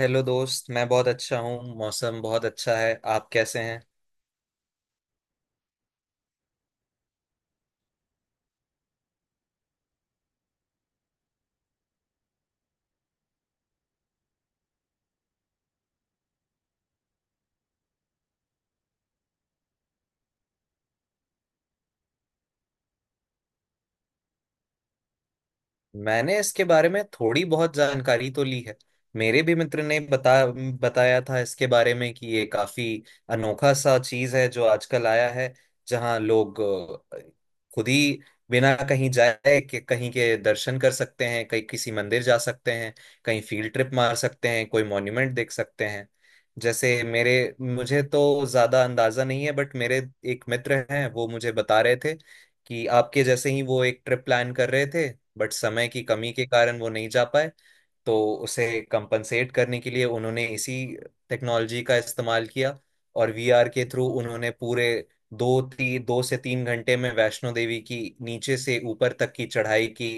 Hello दोस्त, मैं बहुत अच्छा हूँ। मौसम बहुत अच्छा है। आप कैसे हैं? मैंने इसके बारे में थोड़ी बहुत जानकारी तो ली है। मेरे भी मित्र ने बताया था इसके बारे में कि ये काफी अनोखा सा चीज है जो आजकल आया है। जहां लोग खुद ही बिना कहीं जाए कि कहीं के दर्शन कर सकते हैं, कहीं किसी मंदिर जा सकते हैं, कहीं फील्ड ट्रिप मार सकते हैं, कोई मॉन्यूमेंट देख सकते हैं। जैसे मेरे मुझे तो ज्यादा अंदाजा नहीं है बट मेरे एक मित्र हैं, वो मुझे बता रहे थे कि आपके जैसे ही वो एक ट्रिप प्लान कर रहे थे बट समय की कमी के कारण वो नहीं जा पाए। तो उसे कंपनसेट करने के लिए उन्होंने इसी टेक्नोलॉजी का इस्तेमाल किया, और वीआर के थ्रू उन्होंने पूरे 2 से 3 घंटे में वैष्णो देवी की नीचे से ऊपर तक की चढ़ाई की,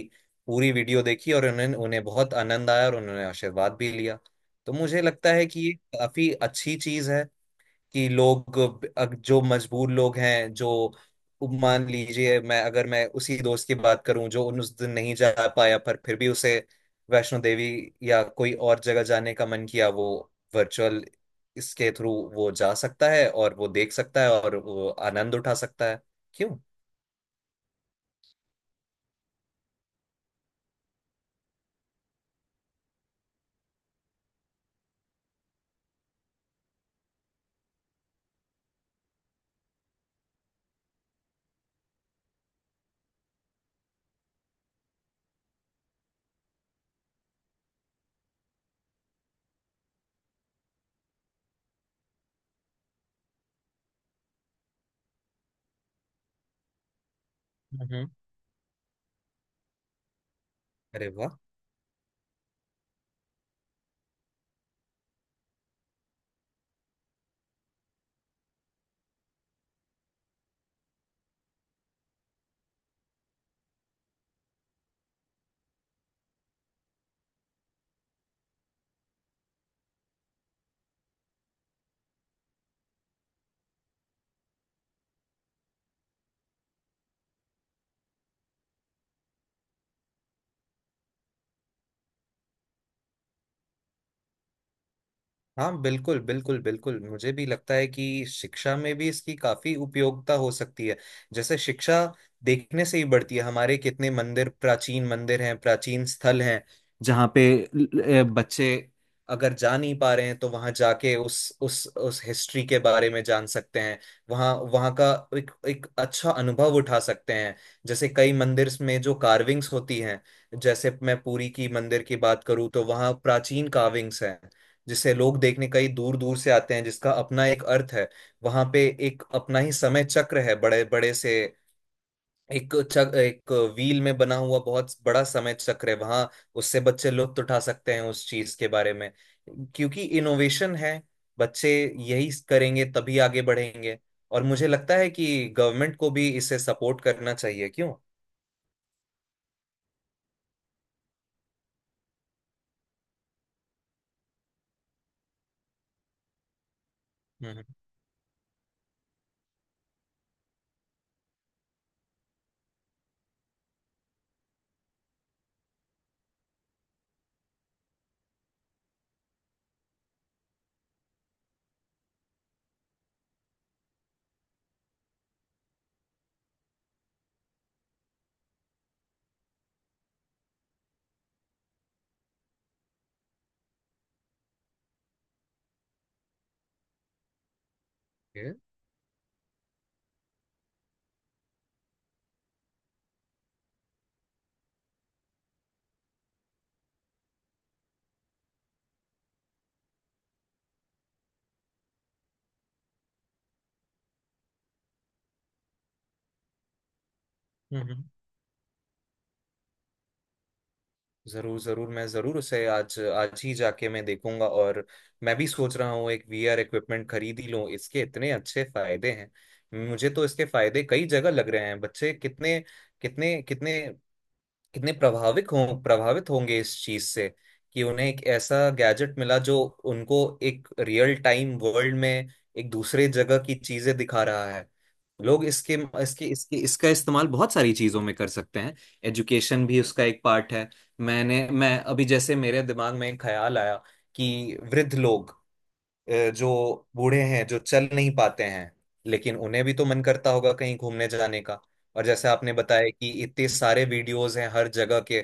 पूरी वीडियो देखी और उन्हें उन्हें बहुत आनंद आया और उन्होंने आशीर्वाद भी लिया। तो मुझे लगता है कि ये काफी अच्छी चीज है कि लोग, जो मजबूर लोग हैं, जो मान लीजिए, मैं अगर मैं उसी दोस्त की बात करूं जो उन उस दिन नहीं जा पाया, पर फिर भी उसे वैष्णो देवी या कोई और जगह जाने का मन किया, वो वर्चुअल इसके थ्रू वो जा सकता है और वो देख सकता है और वो आनंद उठा सकता है। क्यों? हम्म। अरे वाह। हाँ, बिल्कुल, बिल्कुल, बिल्कुल, मुझे भी लगता है कि शिक्षा में भी इसकी काफी उपयोगिता हो सकती है। जैसे शिक्षा देखने से ही बढ़ती है, हमारे कितने मंदिर, प्राचीन मंदिर हैं, प्राचीन स्थल हैं जहाँ पे बच्चे अगर जा नहीं पा रहे हैं, तो वहां जाके उस हिस्ट्री के बारे में जान सकते हैं। वहाँ वहाँ का एक एक अच्छा अनुभव उठा सकते हैं। जैसे कई मंदिर में जो कार्विंग्स होती हैं, जैसे मैं पुरी की मंदिर की बात करूँ तो वहाँ प्राचीन कार्विंग्स हैं जिसे लोग देखने कई दूर दूर से आते हैं, जिसका अपना एक अर्थ है। वहां पे एक अपना ही समय चक्र है, बड़े बड़े से एक व्हील में बना हुआ बहुत बड़ा समय चक्र है वहां। उससे बच्चे लुत्फ उठा सकते हैं उस चीज के बारे में, क्योंकि इनोवेशन है। बच्चे यही करेंगे तभी आगे बढ़ेंगे। और मुझे लगता है कि गवर्नमेंट को भी इसे सपोर्ट करना चाहिए। क्यों? हम्म। हम्म। हम्म, हम्म। जरूर, जरूर, मैं जरूर उसे आज आज ही जाके मैं देखूंगा। और मैं भी सोच रहा हूँ एक वीआर इक्विपमेंट खरीद ही लूं, इसके इतने अच्छे फायदे हैं। मुझे तो इसके फायदे कई जगह लग रहे हैं। बच्चे कितने कितने कितने कितने प्रभावित होंगे इस चीज से, कि उन्हें एक ऐसा गैजेट मिला जो उनको एक रियल टाइम वर्ल्ड में एक दूसरे जगह की चीजें दिखा रहा है। लोग इसके इसके इसके इसका इस्तेमाल बहुत सारी चीजों में कर सकते हैं। एजुकेशन भी उसका एक पार्ट है। मैं अभी जैसे, मेरे दिमाग में एक ख्याल आया कि वृद्ध लोग, जो बूढ़े हैं, जो चल नहीं पाते हैं, लेकिन उन्हें भी तो मन करता होगा कहीं घूमने जाने का। और जैसे आपने बताया कि इतने सारे वीडियोस हैं हर जगह के,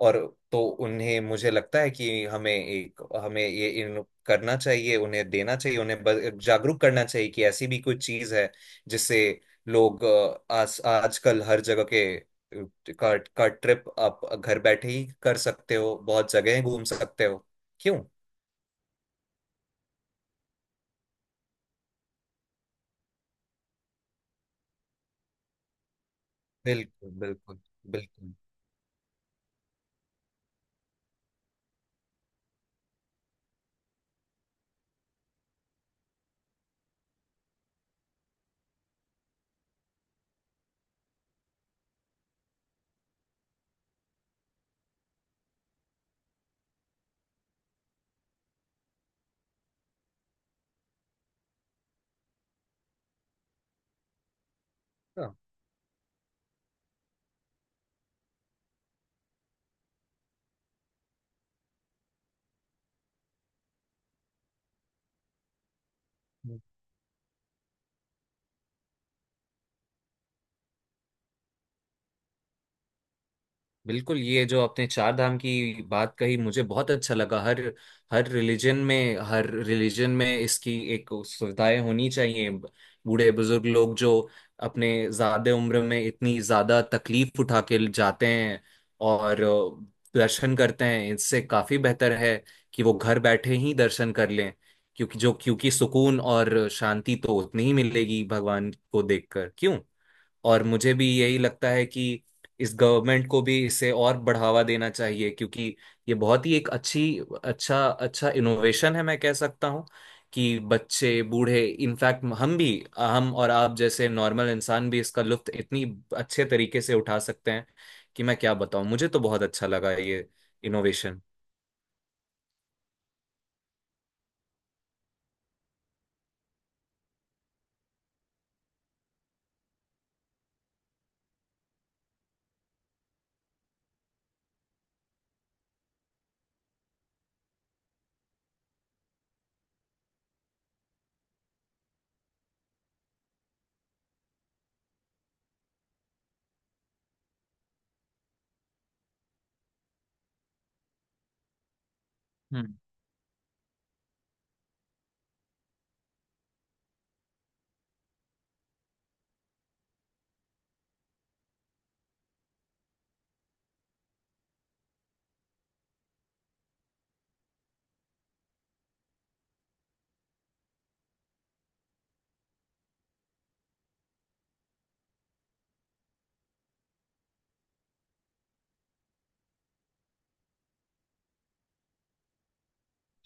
और तो उन्हें, मुझे लगता है कि हमें ये इन करना चाहिए, उन्हें देना चाहिए, उन्हें जागरूक करना चाहिए कि ऐसी भी कोई चीज है जिससे लोग, आज आजकल हर जगह के का ट्रिप आप घर बैठे ही कर सकते हो, बहुत जगह घूम सकते हो। क्यों? बिल्कुल, बिल्कुल, बिल्कुल। हाँ, बिल्कुल, ये जो आपने चार धाम की बात कही मुझे बहुत अच्छा लगा। हर हर रिलीजन में, हर रिलीजन में इसकी एक सुविधाएं होनी चाहिए। बूढ़े बुजुर्ग लोग जो अपने ज्यादा उम्र में इतनी ज्यादा तकलीफ उठा के जाते हैं और दर्शन करते हैं, इससे काफी बेहतर है कि वो घर बैठे ही दर्शन कर लें। क्योंकि सुकून और शांति तो उतनी ही मिलेगी भगवान को देखकर। क्यों? और मुझे भी यही लगता है कि इस गवर्नमेंट को भी इसे और बढ़ावा देना चाहिए, क्योंकि ये बहुत ही एक अच्छी अच्छा अच्छा इनोवेशन है, मैं कह सकता हूँ, कि बच्चे, बूढ़े, इनफैक्ट हम और आप जैसे नॉर्मल इंसान भी इसका लुत्फ इतनी अच्छे तरीके से उठा सकते हैं कि मैं क्या बताऊं। मुझे तो बहुत अच्छा लगा ये इनोवेशन।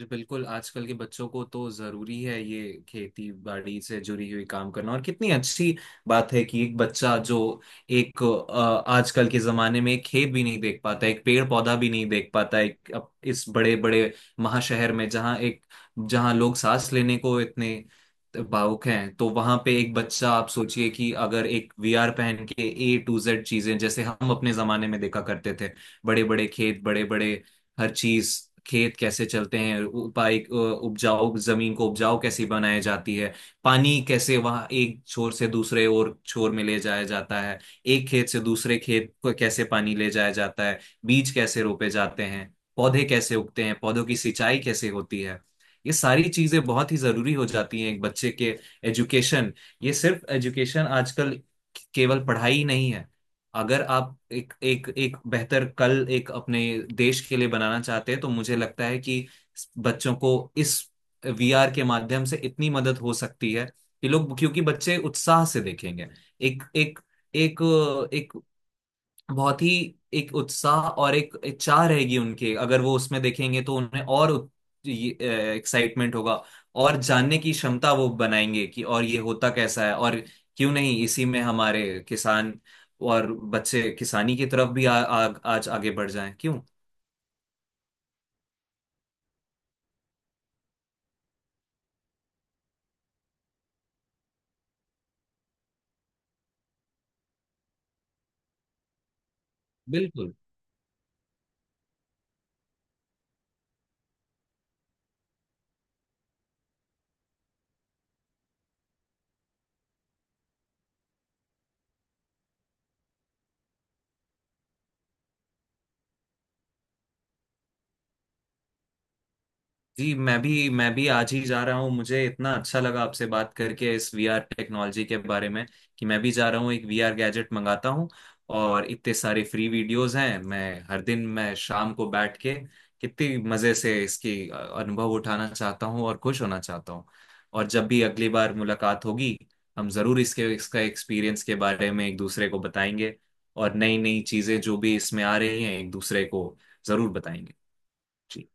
जी, बिल्कुल, आजकल के बच्चों को तो जरूरी है ये खेती बाड़ी से जुड़ी हुई काम करना। और कितनी अच्छी बात है कि एक बच्चा जो, एक, आजकल के जमाने में एक खेत भी नहीं देख पाता, एक पेड़ पौधा भी नहीं देख पाता, एक अब इस बड़े बड़े महाशहर में जहाँ लोग सांस लेने को इतने भावुक हैं, तो वहां पे एक बच्चा, आप सोचिए कि अगर एक वीआर पहन के A to Z चीजें जैसे हम अपने जमाने में देखा करते थे, बड़े बड़े खेत, बड़े बड़े हर चीज। खेत कैसे चलते हैं, उपाय उपजाऊ जमीन को उपजाऊ कैसी बनाई जाती है, पानी कैसे वहां एक छोर से दूसरे और छोर में ले जाया जाता है, एक खेत से दूसरे खेत को कैसे पानी ले जाया जाता है, बीज कैसे रोपे जाते हैं, पौधे कैसे उगते हैं, पौधों की सिंचाई कैसे होती है। ये सारी चीजें बहुत ही जरूरी हो जाती हैं एक बच्चे के एजुकेशन। ये सिर्फ एजुकेशन, आजकल केवल पढ़ाई ही नहीं है। अगर आप एक एक एक बेहतर कल, एक अपने देश के लिए बनाना चाहते हैं तो मुझे लगता है कि बच्चों को इस वीआर के माध्यम से इतनी मदद हो सकती है कि लोग, क्योंकि बच्चे उत्साह से देखेंगे। एक एक एक एक बहुत ही, एक उत्साह और एक इच्छा रहेगी उनके, अगर वो उसमें देखेंगे तो उन्हें और एक्साइटमेंट होगा, और जानने की क्षमता वो बनाएंगे कि और ये होता कैसा है, और क्यों नहीं इसी में हमारे किसान और बच्चे किसानी की तरफ भी आ, आ, आज आगे बढ़ जाएं। क्यों? बिल्कुल। जी, मैं भी आज ही जा रहा हूँ, मुझे इतना अच्छा लगा आपसे बात करके इस वीआर टेक्नोलॉजी के बारे में, कि मैं भी जा रहा हूँ, एक वीआर गैजेट मंगाता हूँ। और इतने सारे फ्री वीडियोस हैं, मैं हर दिन, मैं शाम को बैठ के कितनी मज़े से इसकी अनुभव उठाना चाहता हूँ और खुश होना चाहता हूँ। और जब भी अगली बार मुलाकात होगी हम ज़रूर इसके इसका एक्सपीरियंस के बारे में एक दूसरे को बताएंगे, और नई नई चीज़ें जो भी इसमें आ रही हैं एक दूसरे को ज़रूर बताएंगे। जी,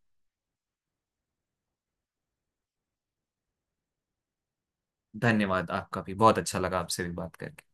धन्यवाद। आपका भी बहुत अच्छा लगा आपसे भी बात करके।